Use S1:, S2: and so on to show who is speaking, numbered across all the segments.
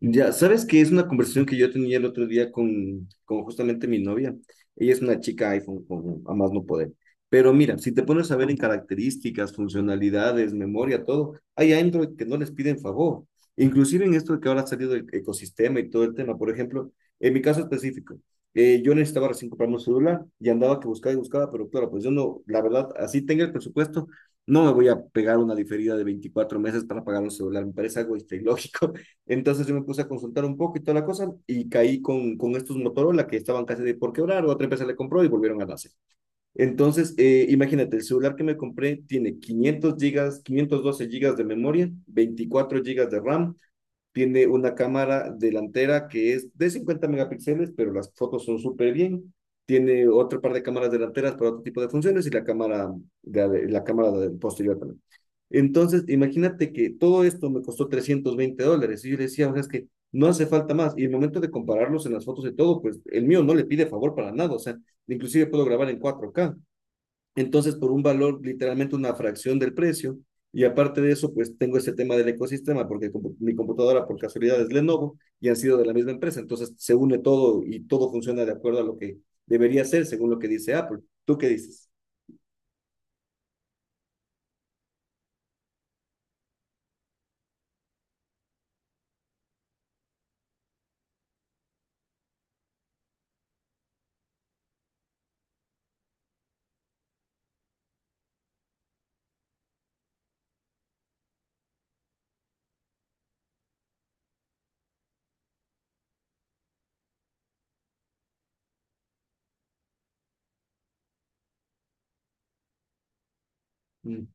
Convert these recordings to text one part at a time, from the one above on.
S1: Ya, sabes que es una conversación que yo tenía el otro día con justamente mi novia. Ella es una chica iPhone, con, a más no poder. Pero mira, si te pones a ver en características, funcionalidades, memoria, todo, hay Android que no les piden favor. Inclusive en esto de que ahora ha salido el ecosistema y todo el tema. Por ejemplo, en mi caso específico, yo necesitaba recién comprarme un celular y andaba que buscaba y buscaba, pero claro, pues yo no, la verdad, así tenga el presupuesto, no me voy a pegar una diferida de 24 meses para pagar un celular. Me parece algo este, ilógico. Entonces yo me puse a consultar un poco y toda la cosa y caí con estos Motorola que estaban casi de por quebrar, otra empresa le compró y volvieron a nacer. Entonces, imagínate, el celular que me compré tiene 500 gigas, 512 gigas de memoria, 24 gigas de RAM, tiene una cámara delantera que es de 50 megapíxeles, pero las fotos son súper bien. Tiene otro par de cámaras delanteras para otro tipo de funciones y la cámara posterior también. Entonces, imagínate que todo esto me costó $320. Y yo le decía, o sea, es que no hace falta más. Y en el momento de compararlos en las fotos de todo, pues el mío no le pide favor para nada. O sea, inclusive puedo grabar en 4K. Entonces, por un valor, literalmente una fracción del precio. Y aparte de eso, pues tengo ese tema del ecosistema, porque mi computadora por casualidad es Lenovo y han sido de la misma empresa. Entonces, se une todo y todo funciona de acuerdo a lo que debería ser, según lo que dice Apple. ¿Tú qué dices? Mm.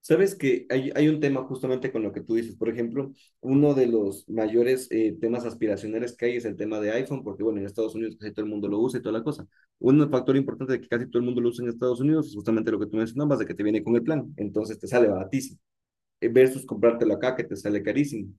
S1: Sabes que hay un tema justamente con lo que tú dices. Por ejemplo, uno de los mayores temas aspiracionales que hay es el tema de iPhone, porque bueno, en Estados Unidos casi todo el mundo lo usa y toda la cosa. Un factor importante de que casi todo el mundo lo usa en Estados Unidos es justamente lo que tú mencionabas, de que te viene con el plan, entonces te sale baratísimo versus comprártelo acá que te sale carísimo.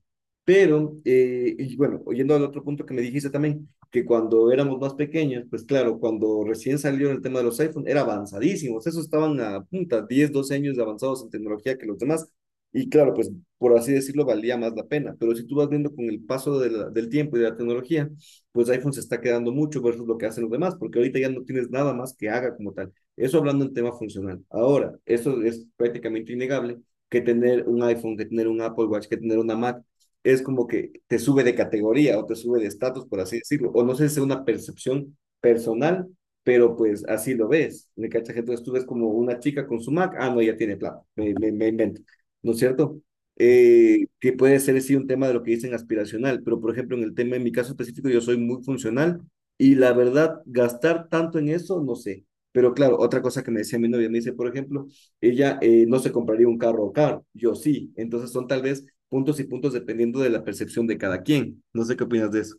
S1: Pero, y bueno, oyendo al otro punto que me dijiste también, que cuando éramos más pequeños, pues claro, cuando recién salió el tema de los iPhone era avanzadísimos, esos estaban a punta, 10, 12 años de avanzados en tecnología que los demás, y claro, pues por así decirlo, valía más la pena, pero si tú vas viendo con el paso de del tiempo y de la tecnología, pues iPhone se está quedando mucho versus lo que hacen los demás, porque ahorita ya no tienes nada más que haga como tal. Eso hablando en tema funcional. Ahora, eso es prácticamente innegable que tener un iPhone, que tener un Apple Watch, que tener una Mac. Es como que te sube de categoría o te sube de estatus, por así decirlo. O no sé si es una percepción personal, pero pues así lo ves. ¿Me cachas? Entonces tú ves como una chica con su Mac, ah, no, ya tiene plata, me invento, ¿no es cierto? Que puede ser sí un tema de lo que dicen aspiracional, pero por ejemplo en el tema, en mi caso específico, yo soy muy funcional y la verdad, gastar tanto en eso, no sé. Pero claro, otra cosa que me decía mi novia, me dice, por ejemplo, ella no se compraría un carro o car, yo sí. Entonces son tal vez puntos y puntos dependiendo de la percepción de cada quien. No sé qué opinas de eso.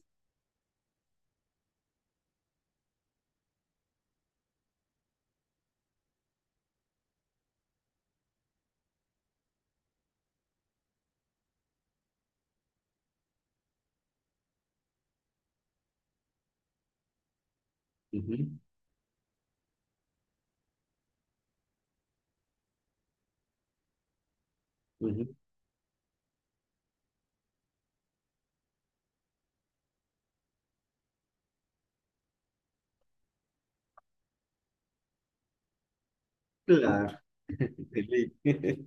S1: Ujú, ujú. Claro, Felipe.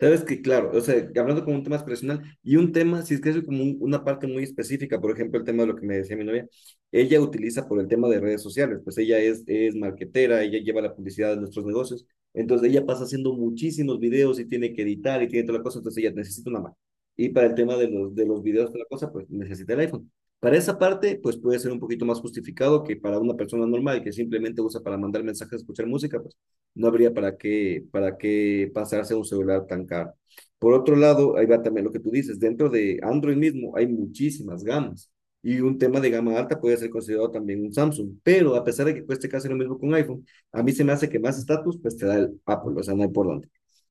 S1: Sabes que, claro, o sea, hablando como un tema personal y un tema, si es que es como una parte muy específica, por ejemplo, el tema de lo que me decía mi novia, ella utiliza por el tema de redes sociales, pues ella es marketera, ella lleva la publicidad de nuestros negocios, entonces ella pasa haciendo muchísimos videos y tiene que editar y tiene toda la cosa, entonces ella necesita una Mac. Y para el tema de de los videos, toda la cosa, pues necesita el iPhone. Para esa parte, pues puede ser un poquito más justificado que para una persona normal que simplemente usa para mandar mensajes, escuchar música, pues no habría para qué pasarse a un celular tan caro. Por otro lado, ahí va también lo que tú dices, dentro de Android mismo hay muchísimas gamas y un tema de gama alta puede ser considerado también un Samsung, pero a pesar de que cueste casi lo mismo que un iPhone, a mí se me hace que más estatus pues te da el Apple, o sea, no hay por dónde.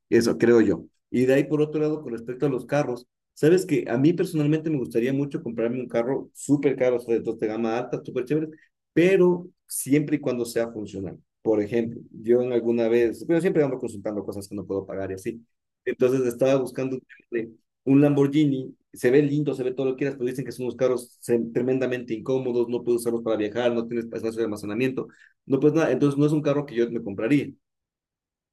S1: Eso creo yo. Y de ahí por otro lado, con respecto a los carros, sabes que a mí personalmente me gustaría mucho comprarme un carro súper caro, o sea, de gama alta, súper chévere, pero siempre y cuando sea funcional. Por ejemplo, yo en alguna vez, pero siempre ando consultando cosas que no puedo pagar y así. Entonces estaba buscando un tema de un Lamborghini, se ve lindo, se ve todo lo que quieras, pero dicen que son unos carros tremendamente incómodos, no puedes usarlos para viajar, no tienes espacio de almacenamiento, no puedes nada. Entonces no es un carro que yo me compraría.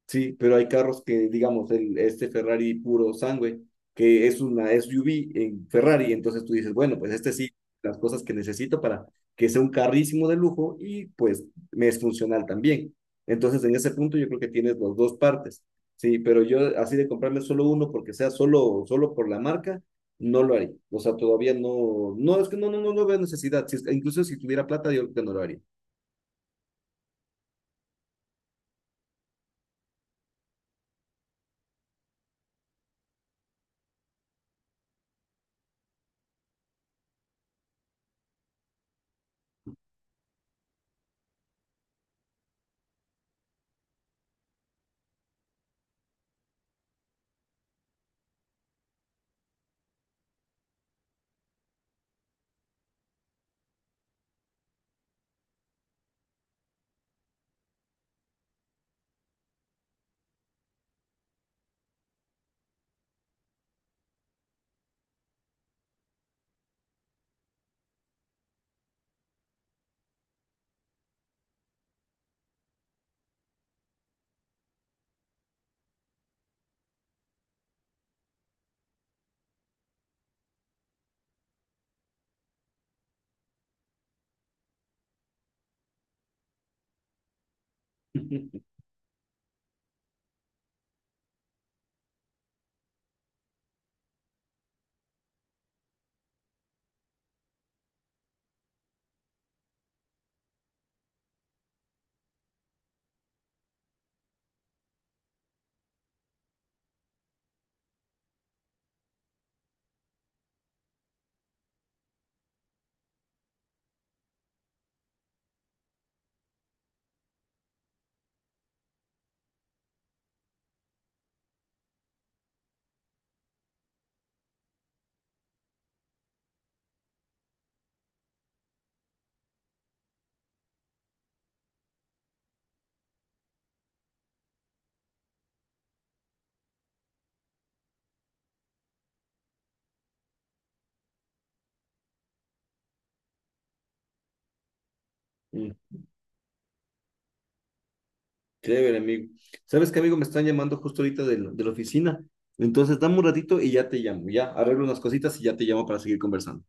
S1: Sí, pero hay carros que, digamos, el, este Ferrari puro sangue, que es una SUV en Ferrari, entonces tú dices, bueno, pues este sí, las cosas que necesito para que sea un carrísimo de lujo y pues me es funcional también. Entonces, en ese punto yo creo que tienes las dos partes, sí, pero yo así de comprarme solo uno porque sea solo, solo por la marca, no lo haría. O sea, todavía no, no, es que no, no, no, no veo necesidad. Si es- incluso si tuviera plata, yo creo que no lo haría. Chévere, amigo. ¿Sabes qué, amigo? Me están llamando justo ahorita de la oficina. Entonces, dame un ratito y ya te llamo. Ya arreglo unas cositas y ya te llamo para seguir conversando.